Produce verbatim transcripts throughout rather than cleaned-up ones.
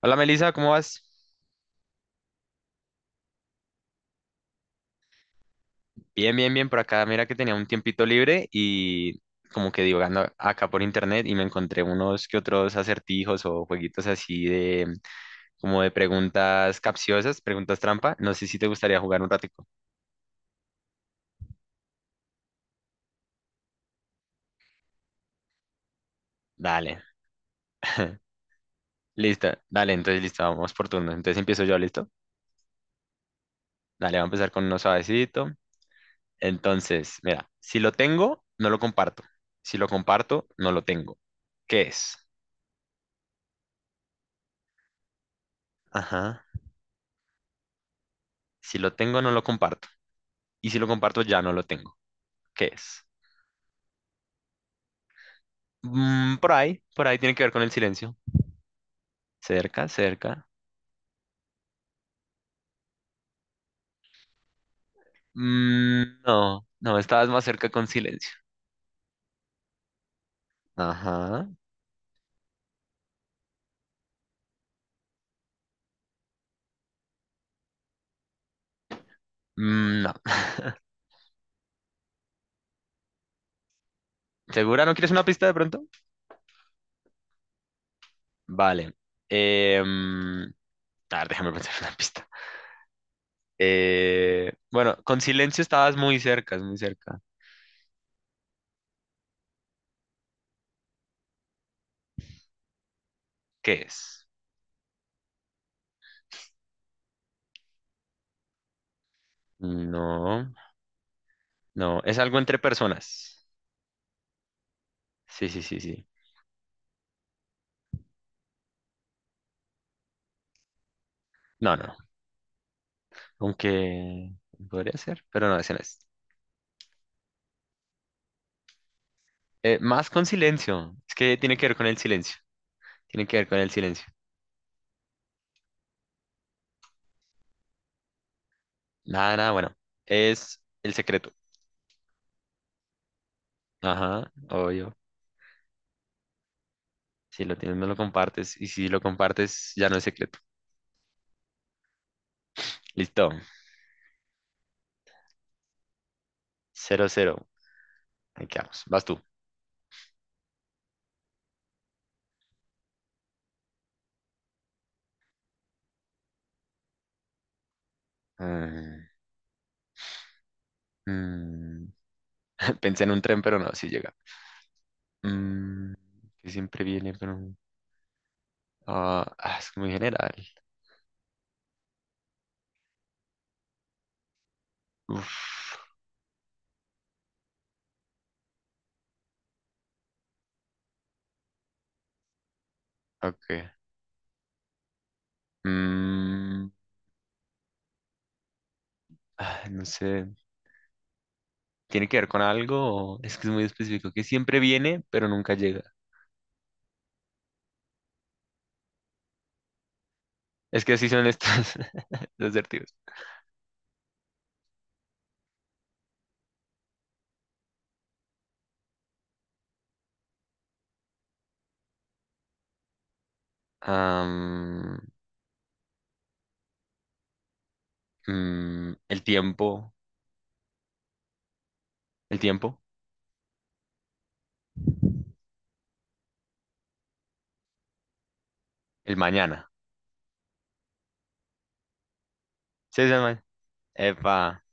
Hola Melissa, ¿cómo vas? Bien, bien, bien por acá. Mira que tenía un tiempito libre y como que divagando acá por internet y me encontré unos que otros acertijos o jueguitos así de como de preguntas capciosas, preguntas trampa. No sé si te gustaría jugar un ratico. Dale. Listo. Dale, entonces listo, vamos por turno. Entonces empiezo yo, ¿listo? Dale, vamos a empezar con uno suavecito. Entonces, mira, si lo tengo, no lo comparto. Si lo comparto, no lo tengo. ¿Qué es? Ajá. Si lo tengo, no lo comparto. Y si lo comparto, ya no lo tengo. ¿Qué es? Mm, por ahí, por ahí tiene que ver con el silencio. Cerca, cerca. Mm, no, no, estabas más cerca con silencio. Ajá. Mm, no. ¿Segura? ¿No quieres una pista de pronto? Vale. Em, a ver, déjame pensar en una pista. Eh, bueno, con silencio estabas muy cerca, es muy cerca. ¿Qué es? No, no, es algo entre personas. Sí, sí, sí, sí. No, no, aunque podría ser, pero no, ese no es. Eh, más con silencio. Es que tiene que ver con el silencio. Tiene que ver con el silencio. Nada, nada, bueno. Es el secreto. Ajá, obvio. Si lo tienes, no lo compartes. Y si lo compartes, ya no es secreto. Listo. Cero, cero. Ahí quedamos. Vas tú. Mm, mm. Pensé en un tren, pero no, sí llega. Mm, que siempre viene, pero no. Ah, ah, es muy general. Uf, ok. Mm, ah, no sé. Tiene que ver con algo, es que es muy específico, que siempre viene, pero nunca llega. Es que así son estos los asertivos. Am, mm, el tiempo, el tiempo, el mañana. Sí, sí, ma- Epa.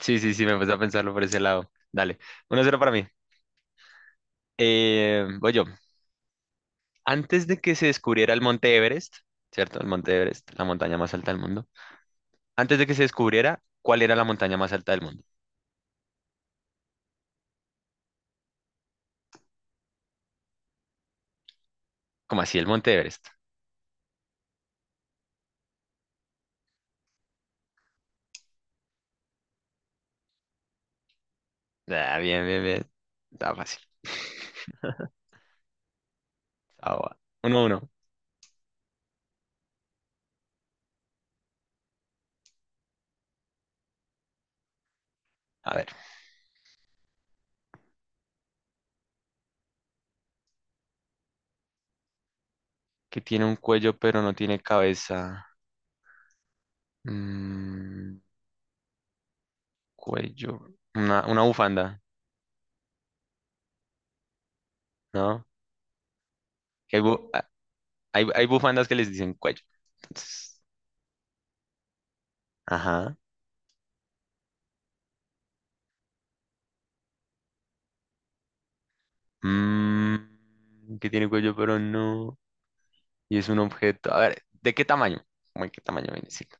Sí, sí, sí, me puse a pensarlo por ese lado. Dale, uno cero para mí. Eh, voy yo. Antes de que se descubriera el Monte Everest, ¿cierto? El Monte Everest, la montaña más alta del mundo. Antes de que se descubriera cuál era la montaña más alta del mundo. Como así el Monte Everest. Ah, bien, bien, bien. Está fácil. Ah, va. Uno, uno. A ver. Que tiene un cuello pero no tiene cabeza. Mm, cuello. Una, una bufanda, ¿no? Que hay, bu- a- hay- hay bufandas que les dicen cuello. Entonces, ajá. Mm, que tiene cuello pero no. Y es un objeto. A ver, ¿de qué tamaño? Bueno, ¿qué tamaño viene siendo?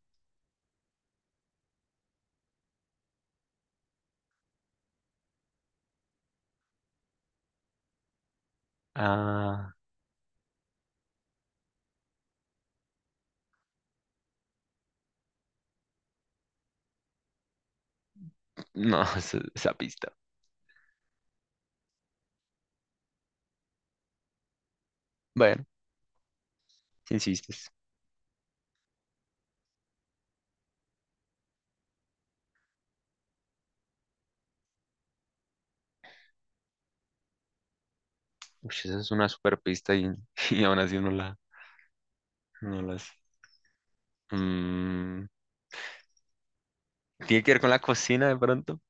Ah, no, esa, esa pista. Bueno, si insistes. Uy, esa es una super pista y, y aún así no la, no las. mm, ¿Tiene que ver con la cocina de pronto?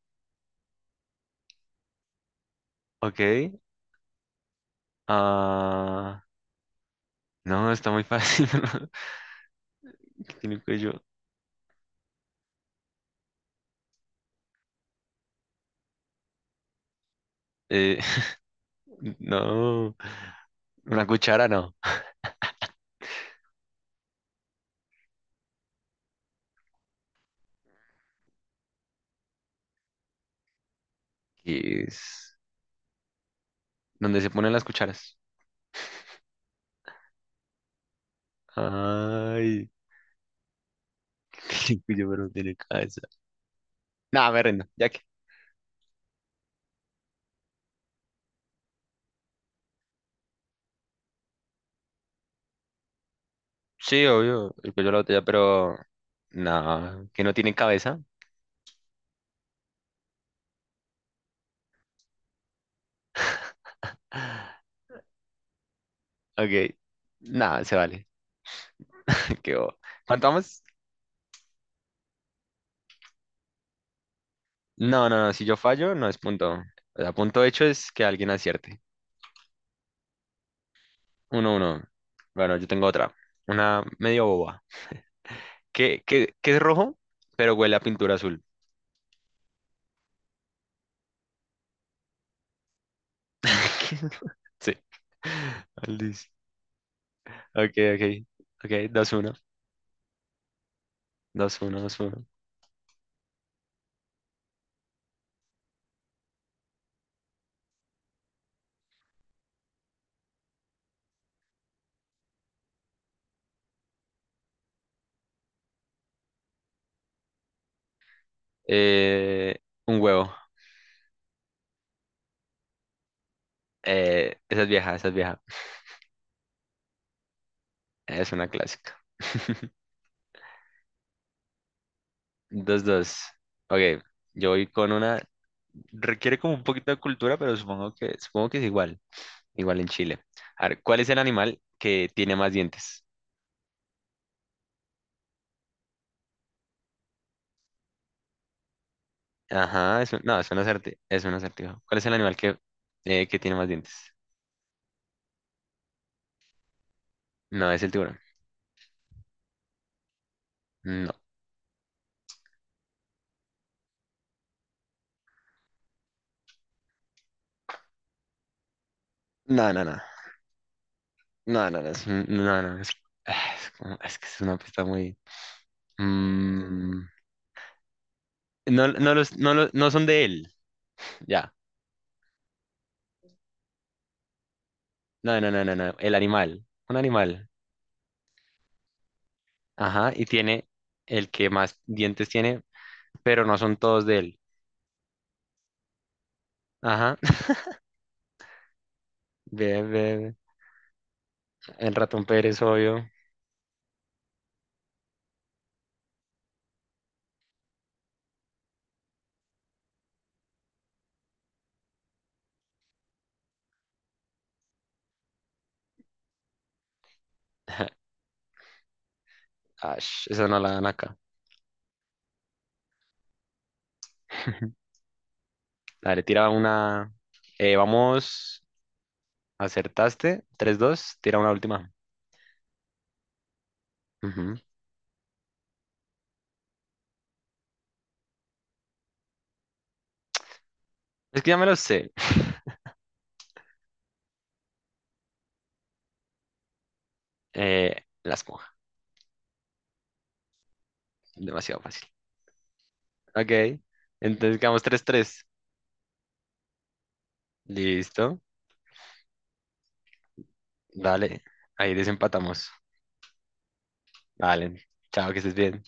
Ok. Ah, no, está muy fácil. ¿no? ¿Qué tiene cuello? Eh, no. Una cuchara no. ¿Qué es? ¿Dónde se ponen las cucharas? Ay, tiene cuello, pero no tiene cabeza. Nada, me rindo. Ya que. Sí, obvio, el cuello de la botella, pero. No, que no tiene cabeza. Ok. Nada, se vale. Qué bobo. ¿Cuánto vamos? No, no, no. Si yo fallo, no es punto. O sea, punto hecho es que alguien acierte. Uno, uno. Bueno, yo tengo otra. Una medio boba. ¿Qué, qué, qué es rojo, pero huele a pintura azul? ¿Qué es ro- Sí. Ah, listo. Ok, ok. Ok, dos, uno. Dos, uno, dos, uno. Eh, un huevo. Eh, esa es vieja, esa es vieja. Es una clásica. Dos, dos. Ok, yo voy con una. Requiere como un poquito de cultura, pero supongo que, supongo que es igual. Igual en Chile. A ver, ¿cuál es el animal que tiene más dientes? Ajá, es un- no, es un acertijo, es un acertijo. ¿Cuál es el animal que, eh, que tiene más dientes? No, es el tiburón. No, no, no, no, no, no, no, es, un- no, no, es, ah, es como- es que es una pista muy... Mm, no, no, los, no, los- no son de él, ya. No, no, no, no, no, el animal, un animal. Ajá, y tiene el que más dientes tiene, pero no son todos de él. Ajá, bebe, el Ratón Pérez, obvio. Ash, esa no la dan acá. Dale, tira una. Eh, vamos, acertaste. Tres dos, tira una última. Ujú. Es que ya me lo sé. Eh, la esponja, demasiado fácil. Ok, entonces quedamos tres tres. Listo, dale, ahí desempatamos. Dale, chao, que estés bien.